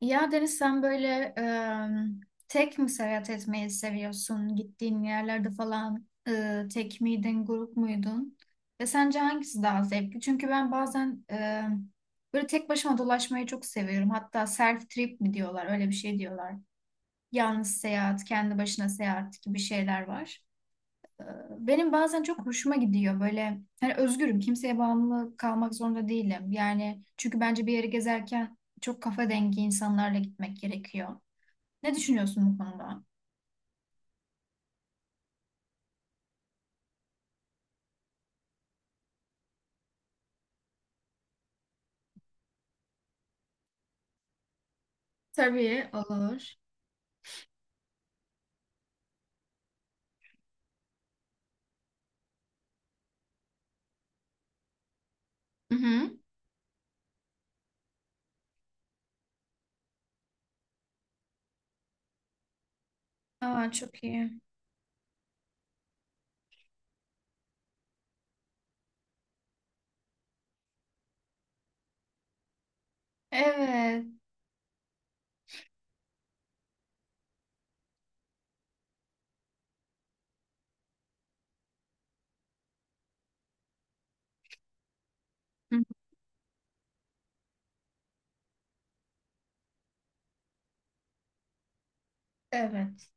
Ya Deniz sen böyle tek mi seyahat etmeyi seviyorsun? Gittiğin yerlerde falan tek miydin, grup muydun? Ve sence hangisi daha zevkli? Çünkü ben bazen böyle tek başıma dolaşmayı çok seviyorum. Hatta self trip mi diyorlar, öyle bir şey diyorlar. Yalnız seyahat, kendi başına seyahat gibi şeyler var. Benim bazen çok hoşuma gidiyor, böyle hani özgürüm, kimseye bağımlı kalmak zorunda değilim. Yani çünkü bence bir yere gezerken çok kafa dengi insanlarla gitmek gerekiyor. Ne düşünüyorsun bu konuda? Tabii, olur. Hı hı. Aa, çok iyi. Evet, hı hı, evet,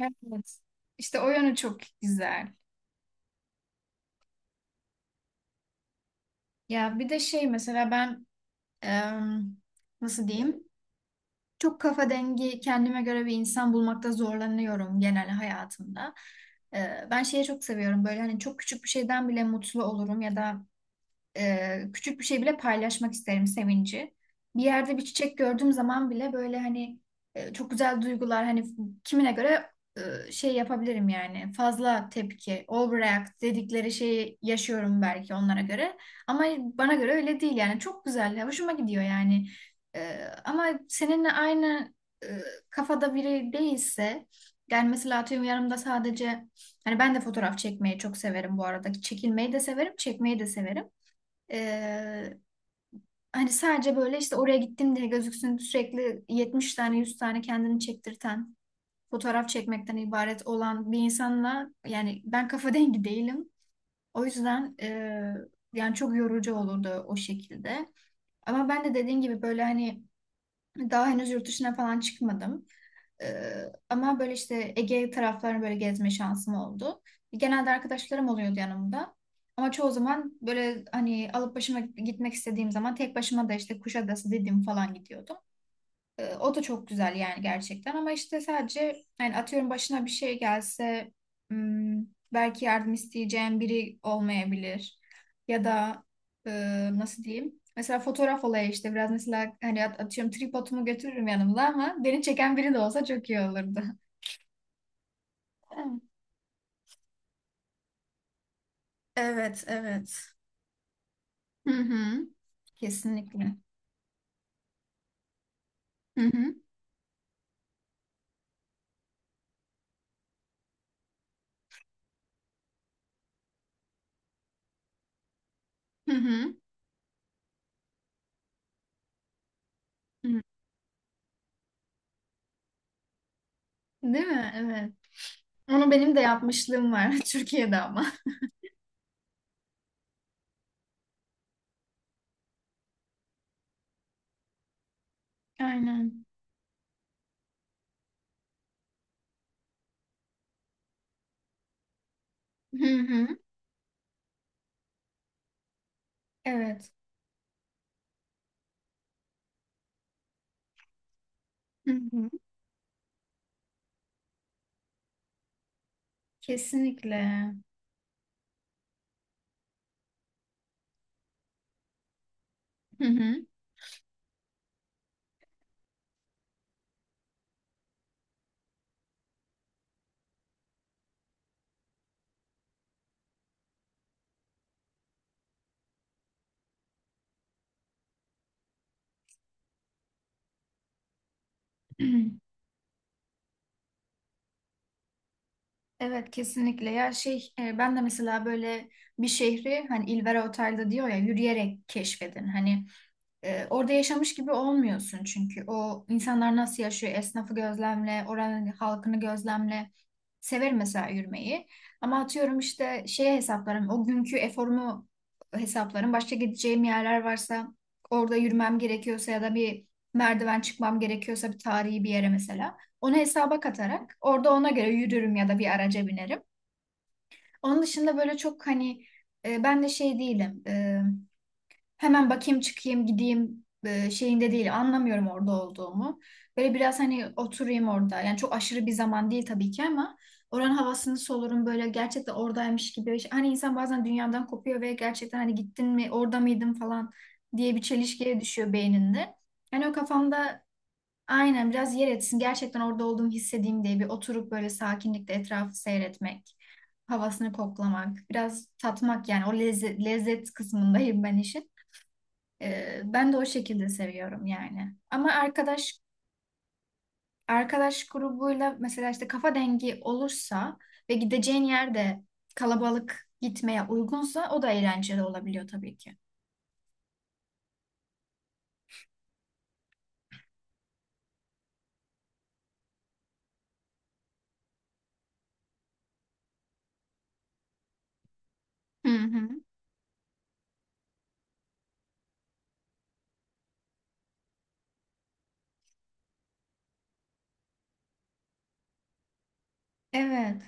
evet. İşte o yönü çok güzel. Ya bir de şey mesela ben em, nasıl diyeyim? Çok kafa dengi kendime göre bir insan bulmakta zorlanıyorum genel hayatımda. Ben şeyi çok seviyorum, böyle hani çok küçük bir şeyden bile mutlu olurum ya da küçük bir şey bile paylaşmak isterim sevinci. Bir yerde bir çiçek gördüğüm zaman bile böyle hani çok güzel duygular, hani kimine göre şey yapabilirim yani, fazla tepki, overreact dedikleri şeyi yaşıyorum belki onlara göre, ama bana göre öyle değil yani, çok güzel hoşuma gidiyor yani. Ama seninle aynı e, kafada biri değilse, yani mesela atıyorum yanımda sadece, hani ben de fotoğraf çekmeyi çok severim bu arada, çekilmeyi de severim, çekmeyi de severim, ee, hani sadece böyle işte oraya gittim diye gözüksün sürekli 70 tane, 100 tane kendini çektirten fotoğraf çekmekten ibaret olan bir insanla yani ben kafa dengi değilim. O yüzden yani çok yorucu olurdu o şekilde. Ama ben de dediğin gibi böyle hani daha henüz yurt dışına falan çıkmadım. Ee, Ama böyle işte Ege taraflarını böyle gezme şansım oldu. Genelde arkadaşlarım oluyordu yanımda. Ama çoğu zaman böyle hani alıp başıma gitmek istediğim zaman tek başıma da işte Kuşadası, Didim falan gidiyordum. O da çok güzel yani gerçekten, ama işte sadece yani atıyorum, başına bir şey gelse, hmm, belki yardım isteyeceğin biri olmayabilir. Ya da e, nasıl diyeyim? Mesela fotoğraf olayı işte biraz, mesela hani atıyorum tripodumu götürürüm yanımda, ama beni çeken biri de olsa çok iyi olurdu. Evet, evet. Hı hı. Kesinlikle. Hı hı. Hı hı. Hı. Değil mi? Evet. Onu benim de yapmışlığım var Türkiye'de ama. Aynen. Hı hı. Evet. Hı hı, kesinlikle. Hı hı. Evet, kesinlikle. Ya şey, ben de mesela böyle bir şehri hani İlvera Otel'de diyor ya, yürüyerek keşfedin. Hani orada yaşamış gibi olmuyorsun çünkü. O insanlar nasıl yaşıyor? Esnafı gözlemle, oranın halkını gözlemle. Severim mesela yürümeyi. Ama atıyorum işte şeye hesaplarım. O günkü eforumu hesaplarım. Başka gideceğim yerler varsa, orada yürümem gerekiyorsa ya da bir merdiven çıkmam gerekiyorsa bir tarihi bir yere mesela. Onu hesaba katarak orada ona göre yürürüm ya da bir araca binerim. Onun dışında böyle çok hani ben de şey değilim. Hemen bakayım çıkayım gideyim şeyinde değil, anlamıyorum orada olduğumu. Böyle biraz hani oturayım orada, yani çok aşırı bir zaman değil tabii ki, ama oranın havasını solurum böyle gerçekten oradaymış gibi. Hani insan bazen dünyadan kopuyor ve gerçekten hani gittin mi, orada mıydın falan diye bir çelişkiye düşüyor beyninde. Yani o kafamda aynen biraz yer etsin, gerçekten orada olduğumu hissedeyim diye, bir oturup böyle sakinlikle etrafı seyretmek, havasını koklamak, biraz tatmak, yani o lezzet, lezzet kısmındayım ben işin. Ben de o şekilde seviyorum yani. Ama arkadaş arkadaş grubuyla mesela işte kafa dengi olursa ve gideceğin yerde kalabalık gitmeye uygunsa, o da eğlenceli olabiliyor tabii ki. Hı hı. Evet.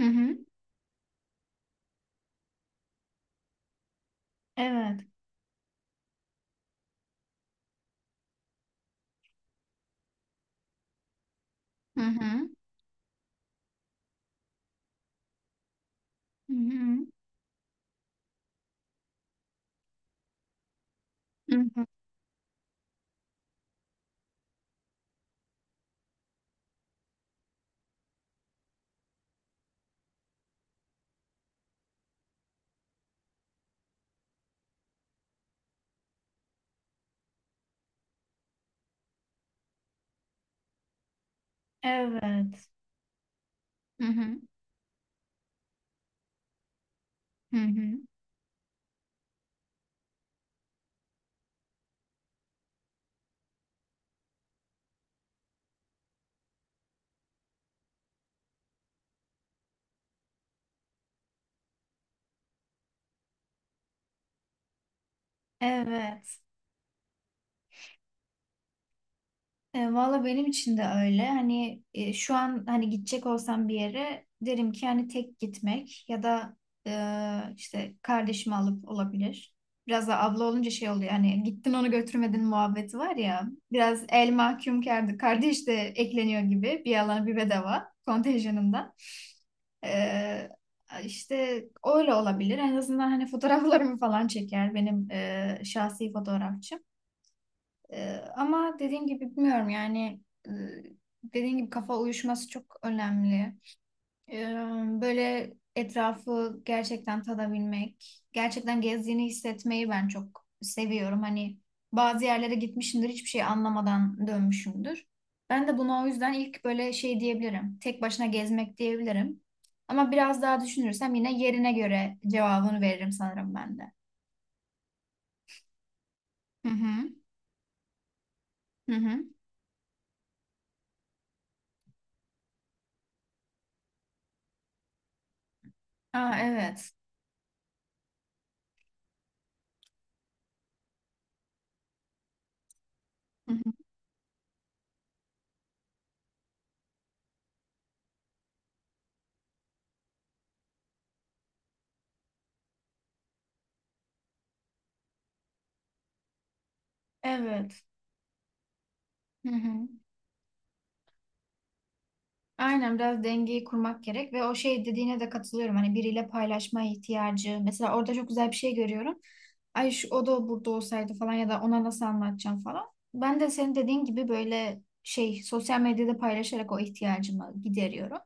Hı hı. Evet. Hı hı. Hı hı. Hı hı. Evet. Hı hı. Hı hı. Evet. E, valla benim için de öyle. Hani şu an hani gidecek olsam bir yere, derim ki hani tek gitmek ya da işte kardeşimi alıp olabilir. Biraz da abla olunca şey oluyor, hani gittin onu götürmedin muhabbeti var ya. Biraz el mahkum kardeş de ekleniyor gibi, bir yalan bir bedava kontenjanından. E, işte öyle olabilir. En azından hani fotoğraflarımı falan çeker benim şahsi fotoğrafçım. Ama dediğim gibi bilmiyorum yani, e, dediğim gibi kafa uyuşması çok önemli. Ee, Böyle etrafı gerçekten tadabilmek, gerçekten gezdiğini hissetmeyi ben çok seviyorum. Hani bazı yerlere gitmişimdir, hiçbir şey anlamadan dönmüşümdür. Ben de buna o yüzden ilk böyle şey diyebilirim. Tek başına gezmek diyebilirim. Ama biraz daha düşünürsem yine yerine göre cevabını veririm sanırım ben de. Hı hı. Hı hı. Aa, evet. Hı hı. Evet. Hı hı. Aynen, biraz dengeyi kurmak gerek, ve o şey dediğine de katılıyorum. Hani biriyle paylaşma ihtiyacı. Mesela orada çok güzel bir şey görüyorum. Ay, şu o da burada olsaydı falan, ya da ona nasıl anlatacağım falan. Ben de senin dediğin gibi böyle şey, sosyal medyada paylaşarak o ihtiyacımı gideriyorum.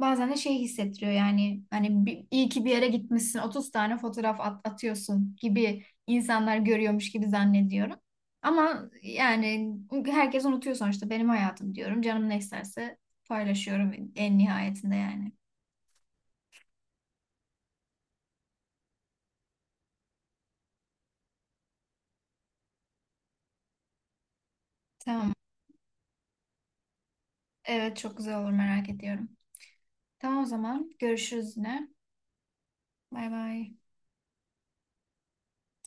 Bazen de şey hissettiriyor yani, hani bir, iyi ki bir yere gitmişsin 30 tane fotoğraf atıyorsun gibi, insanlar görüyormuş gibi zannediyorum. Ama yani herkes unutuyor sonuçta, benim hayatım diyorum. Canım ne isterse paylaşıyorum en nihayetinde yani. Tamam. Evet, çok güzel olur, merak ediyorum. Tamam, o zaman görüşürüz yine. Bay bay.